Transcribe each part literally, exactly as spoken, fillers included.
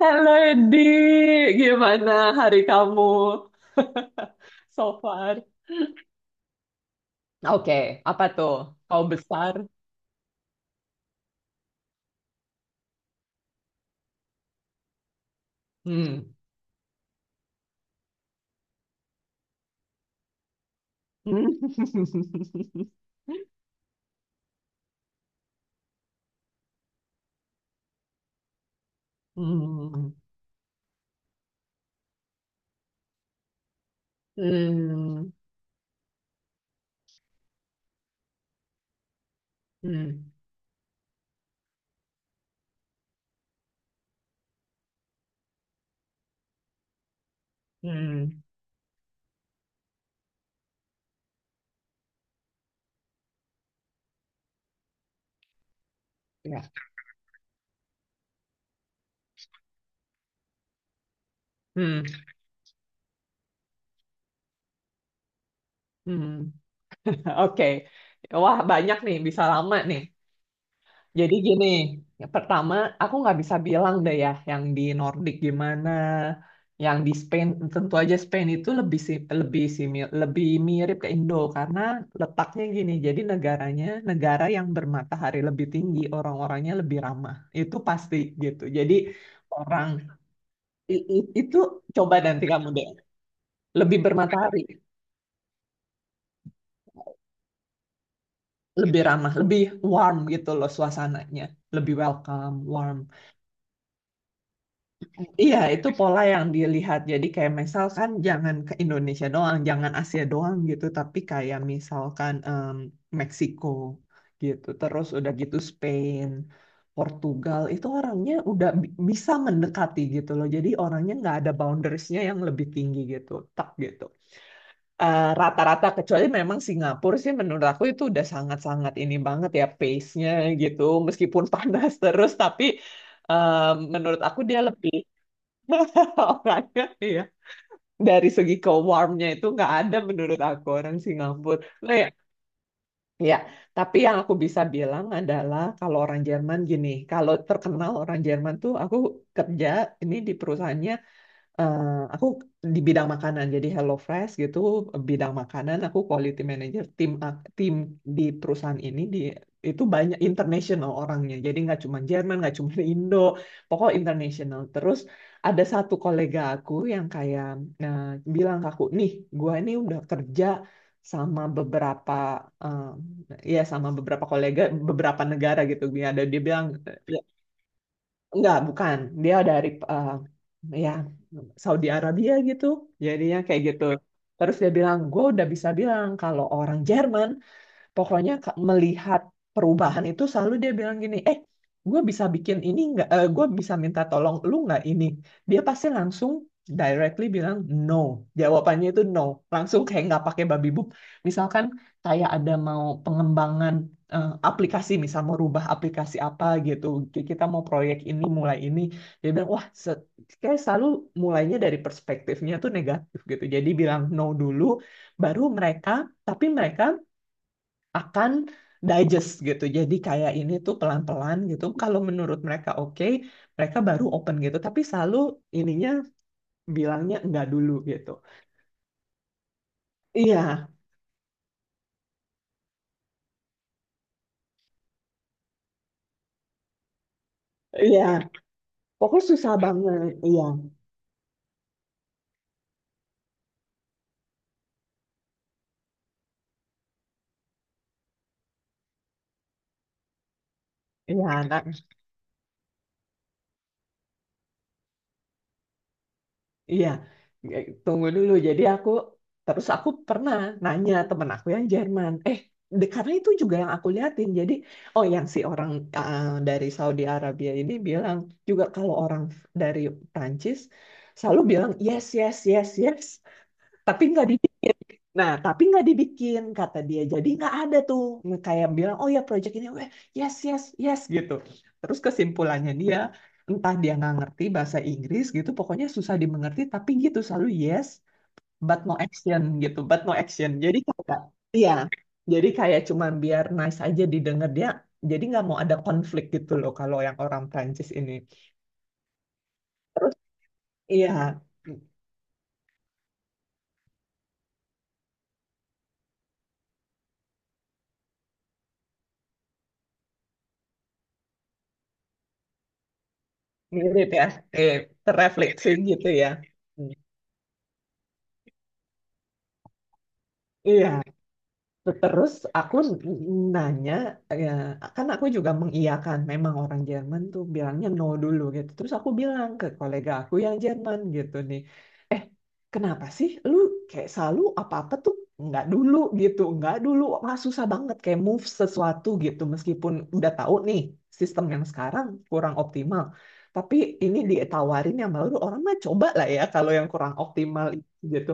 Halo Edi, gimana hari kamu so far? Oke, apa tuh? Kau besar? Hmm. Hmm. Hmm. Hmm. Hmm. Hmm. Ya. Hmm. Hmm. Oke. Wah, banyak nih, bisa lama nih. Jadi gini, ya pertama aku nggak bisa bilang deh ya yang di Nordic gimana, yang di Spain tentu aja Spain itu lebih si- lebih simi- lebih mirip ke Indo karena letaknya gini. Jadi negaranya negara yang bermatahari lebih tinggi, orang-orangnya lebih ramah. Itu pasti gitu. Jadi orang i- i- itu coba nanti kamu deh, lebih bermatahari, lebih ramah, lebih warm gitu loh suasananya, lebih welcome, warm. Iya, itu pola yang dilihat. Jadi kayak misalkan jangan ke Indonesia doang, jangan Asia doang gitu, tapi kayak misalkan em, Meksiko gitu. Terus udah gitu Spain, Portugal, itu orangnya udah bi- bisa mendekati gitu loh. Jadi orangnya nggak ada boundariesnya yang lebih tinggi gitu, tak gitu. Eh, Rata-rata kecuali memang Singapura sih menurut aku itu udah sangat-sangat ini banget ya pace-nya gitu. Meskipun panas terus, tapi eh, menurut aku dia lebih orangnya, iya. Dari segi ke warmnya itu nggak ada menurut aku orang Singapura. Nah, ya, ya. Tapi yang aku bisa bilang adalah kalau orang Jerman gini, kalau terkenal orang Jerman tuh aku kerja ini di perusahaannya eh, aku di bidang makanan, jadi HelloFresh gitu, bidang makanan, aku quality manager tim ak- tim di perusahaan ini di itu banyak international orangnya, jadi nggak cuma Jerman, nggak cuma Indo, pokoknya international. Terus ada satu kolega aku yang kayak eh, bilang ke aku, nih, gua ini udah kerja sama beberapa eh, ya sama beberapa kolega beberapa negara gitu. Dia ada dia bilang enggak, bukan. Dia dari eh, ya Saudi Arabia gitu. Jadinya kayak gitu. Terus dia bilang, gue udah bisa bilang kalau orang Jerman pokoknya ka- melihat perubahan itu selalu dia bilang gini, eh, gue bisa bikin ini nggak? Eh, gue bisa minta tolong lu nggak ini? Dia pasti langsung directly bilang no. Jawabannya itu no. Langsung kayak nggak pakai babi bup. Misalkan kayak ada mau pengembangan eh, aplikasi, misal mau rubah aplikasi apa gitu. Ki- Kita mau proyek ini, mulai ini. Dia bilang, wah, se- kayak selalu mulainya dari perspektifnya tuh negatif gitu. Jadi bilang no dulu, baru mereka, tapi mereka akan digest gitu. Jadi kayak ini tuh pelan-pelan gitu. Kalau menurut mereka oke, mereka baru open gitu. Tapi selalu ininya bilangnya enggak dulu gitu. Iya, iya. Pokoknya susah banget. Iya, iya. Nah, iya, eh, tunggu dulu. Jadi aku terus aku pernah nanya temen aku yang Jerman, eh de- karena itu juga yang aku liatin. Jadi oh yang si orang eh, dari Saudi Arabia ini bilang juga kalau orang dari Prancis selalu bilang yes yes yes yes, tapi nggak di nah, tapi nggak dibikin, kata dia. Jadi nggak ada tuh kayak bilang, oh ya project ini, weh, yes, yes, yes gitu. Terus kesimpulannya dia, entah dia nggak ngerti bahasa Inggris gitu, pokoknya susah dimengerti, tapi gitu selalu yes, but no action gitu, but no action. Jadi kayak, iya, jadi kayak cuman biar nice aja didengar dia, jadi nggak mau ada konflik gitu loh kalau yang orang Prancis ini. Terus, iya, mirip ya, eh, terefleksi gitu ya. Iya. Terus aku nanya, ya, kan aku juga mengiyakan, memang orang Jerman tuh bilangnya no dulu gitu. Terus aku bilang ke kolega aku yang Jerman gitu nih, eh kenapa sih lu kayak selalu apa-apa tuh nggak dulu gitu, nggak dulu, wah susah banget kayak move sesuatu gitu, meskipun udah tahu nih sistem yang sekarang kurang optimal. Tapi ini ditawarin yang baru, orang mah coba lah ya kalau yang kurang optimal gitu.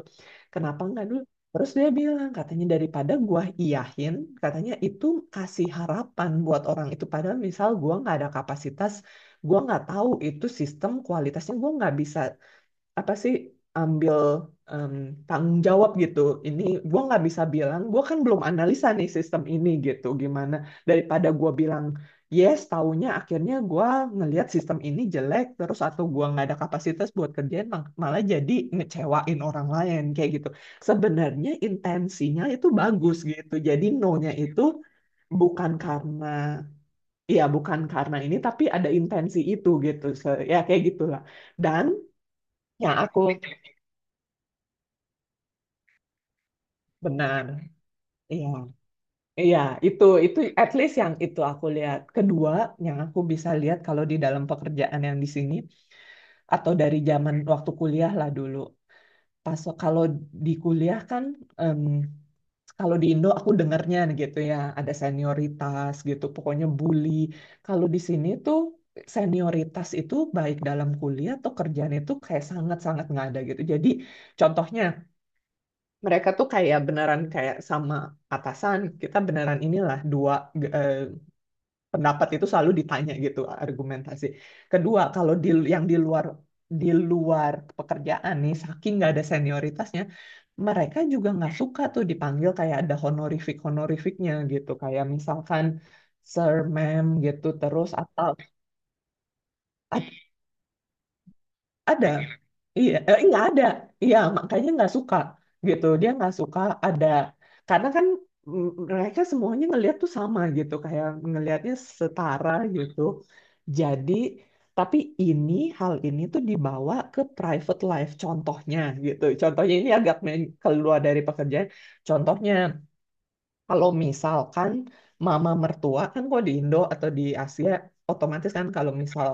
Kenapa nggak dulu? Terus dia bilang, katanya daripada gua iyahin, katanya itu kasih harapan buat orang itu. Padahal misal gua nggak ada kapasitas, gua nggak tahu itu sistem kualitasnya, gua nggak bisa apa sih ambil em, tanggung jawab gitu. Ini gue nggak bisa bilang, gue kan belum analisa nih sistem ini gitu gimana. Daripada gue bilang yes, taunya akhirnya gue ngelihat sistem ini jelek terus atau gue nggak ada kapasitas buat kerjaan mak- malah jadi ngecewain orang lain kayak gitu. Sebenarnya intensinya itu bagus gitu. Jadi no-nya itu bukan karena ya bukan karena ini tapi ada intensi itu gitu. Se- Ya kayak gitulah. Dan yang aku benar, iya. Iya, itu itu at least yang itu aku lihat. Kedua, yang aku bisa lihat kalau di dalam pekerjaan yang di sini atau dari zaman waktu kuliah lah dulu. Pas kalau di kuliah kan em, kalau di Indo aku dengarnya gitu ya, ada senioritas gitu, pokoknya bully. Kalau di sini tuh senioritas itu baik dalam kuliah atau kerjaan itu kayak sangat-sangat nggak ada gitu. Jadi contohnya mereka tuh kayak beneran kayak sama atasan kita beneran inilah dua eh, pendapat itu selalu ditanya gitu argumentasi kedua kalau di yang di luar di luar pekerjaan nih saking nggak ada senioritasnya mereka juga nggak suka tuh dipanggil kayak ada honorific honorificnya gitu kayak misalkan sir ma'am gitu terus atau I ada. Iya, eh, nggak ada. Iya, makanya nggak suka gitu. Dia nggak suka ada karena kan mm, mereka semuanya ngelihat tuh sama gitu, kayak ngelihatnya setara gitu. Jadi, tapi ini hal ini tuh dibawa ke private life contohnya gitu. Contohnya ini agak men- keluar dari pekerjaan. Contohnya kalau misalkan mama mertua kan kalau di Indo atau di Asia otomatis kan kalau misal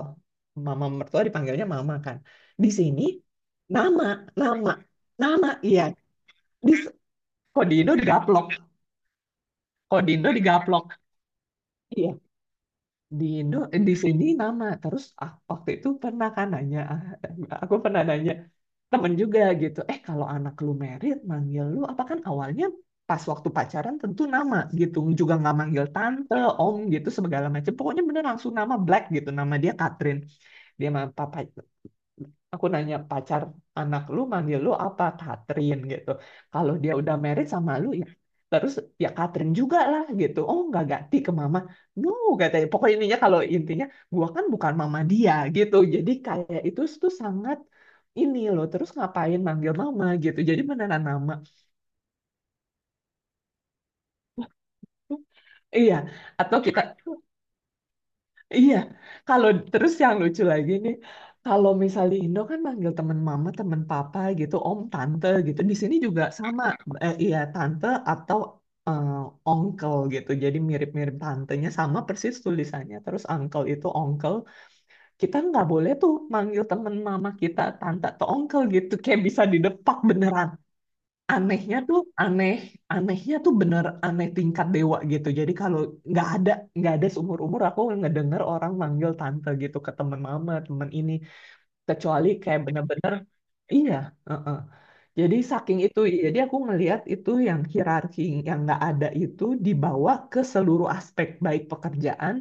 mama mertua dipanggilnya mama kan. Di sini nama, nama, nama, iya. Di, kalau di Indo digaplok, kalau di Indo digaplok. Iya, di Indo eh, di sini nama terus ah, waktu itu pernah kan nanya ah, aku pernah nanya temen juga gitu eh kalau anak lu merit manggil lu apa kan awalnya pas waktu pacaran tentu nama gitu juga nggak manggil tante om gitu segala macam pokoknya bener langsung nama Black gitu nama dia Catherine dia sama papa aku nanya pacar anak lu manggil lu apa Katrin gitu kalau dia udah married sama lu ya terus ya Katrin juga lah gitu oh nggak ganti ke mama no katanya pokoknya intinya kalau intinya gua kan bukan mama dia gitu jadi kayak itu tuh sangat ini loh terus ngapain manggil mama gitu jadi beneran nama iya atau kita iya, kalau terus yang lucu lagi nih, kalau misalnya di Indo kan manggil teman mama, teman papa gitu, om, tante gitu. Di sini juga sama, eh, iya tante atau eh, onkel gitu. Jadi mirip-mirip tantenya sama persis tulisannya. Terus uncle itu onkel, kita nggak boleh tuh manggil teman mama kita tante atau onkel gitu, kayak bisa didepak beneran anehnya tuh aneh anehnya tuh bener aneh tingkat dewa gitu jadi kalau nggak ada nggak ada seumur umur aku ngedenger orang manggil tante gitu ke temen mama temen ini kecuali kayak bener-bener iya heeh. Jadi saking itu jadi aku ngelihat itu yang hierarki yang nggak ada itu dibawa ke seluruh aspek baik pekerjaan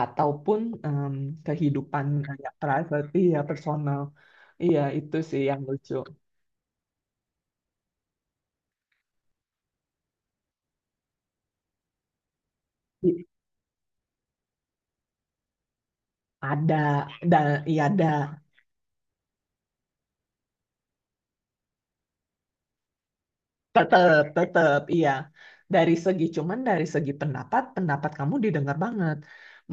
ataupun em, kehidupan kayak private ya personal iya itu sih yang lucu I- ada dan iya ada tetap, tetap, iya. Dari segi cuman dari segi pendapat, pendapat kamu didengar banget.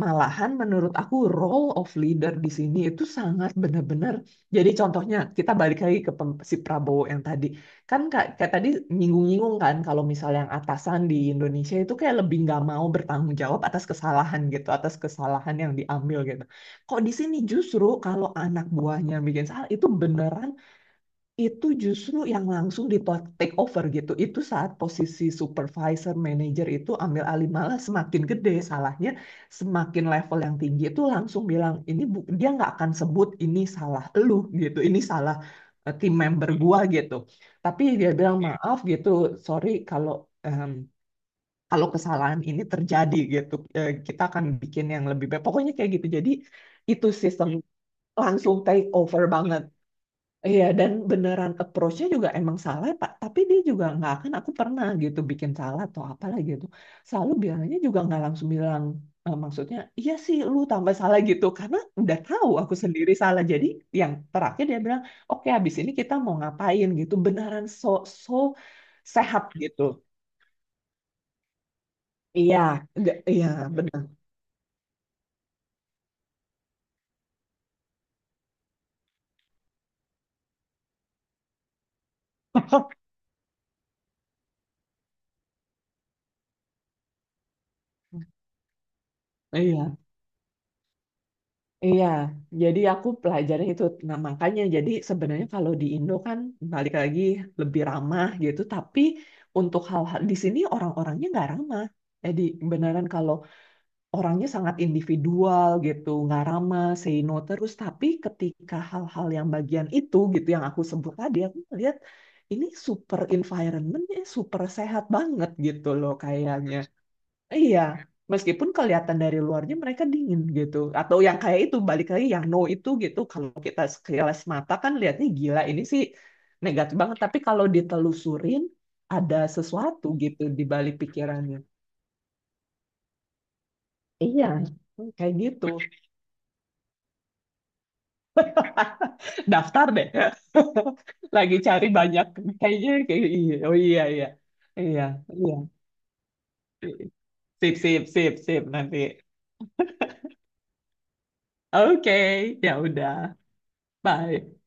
Malahan menurut aku role of leader di sini itu sangat benar-benar. Jadi contohnya kita balik lagi ke pem- si Prabowo yang tadi. Kan kayak, kayak tadi nyinggung-nyinggung kan kalau misalnya yang atasan di Indonesia itu kayak lebih nggak mau bertanggung jawab atas kesalahan gitu, atas kesalahan yang diambil gitu. Kok di sini justru kalau anak buahnya bikin salah itu beneran itu justru yang langsung di to- take over gitu. Itu saat posisi supervisor, manager itu ambil alih malah semakin gede salahnya, semakin level yang tinggi itu langsung bilang ini bu- dia nggak akan sebut ini salah lu gitu, ini salah eh, tim member gua gitu. Tapi dia bilang maaf gitu, sorry kalau em, kalau kesalahan ini terjadi gitu, eh, kita akan bikin yang lebih baik. Pokoknya kayak gitu. Jadi itu sistem langsung take over banget. Iya, dan beneran approach-nya juga emang salah, Pak. Tapi dia juga nggak akan aku pernah gitu bikin salah atau apalah gitu. Selalu bilangnya juga nggak langsung bilang eh, maksudnya, iya sih lu tambah salah gitu. Karena udah tahu aku sendiri salah. Jadi yang terakhir dia bilang, oke habis ini kita mau ngapain gitu. Beneran so, so sehat gitu. Iya, nggak- iya benar. Iya. Iya, jadi aku pelajari itu. Nah, makanya jadi sebenarnya kalau di Indo kan balik lagi lebih ramah gitu, tapi untuk hal-hal di sini orang-orangnya nggak ramah. Jadi beneran kalau orangnya sangat individual gitu, nggak ramah, say no terus. Tapi ketika hal-hal yang bagian itu gitu yang aku sebut tadi, aku melihat ini super environmentnya super sehat banget gitu loh kayaknya. Iya, meskipun kelihatan dari luarnya mereka dingin gitu. Atau yang kayak itu, balik lagi yang no itu gitu. Kalau kita sekilas mata kan lihatnya gila, ini sih negatif banget. Tapi kalau ditelusurin, ada sesuatu gitu di balik pikirannya. Iya, kayak gitu. Daftar deh. Lagi cari banyak. Kayaknya kayak iya. Oh iya, iya. Iya, iya. Sip, sip, sip, sip nanti. Oke, ya udah. Bye.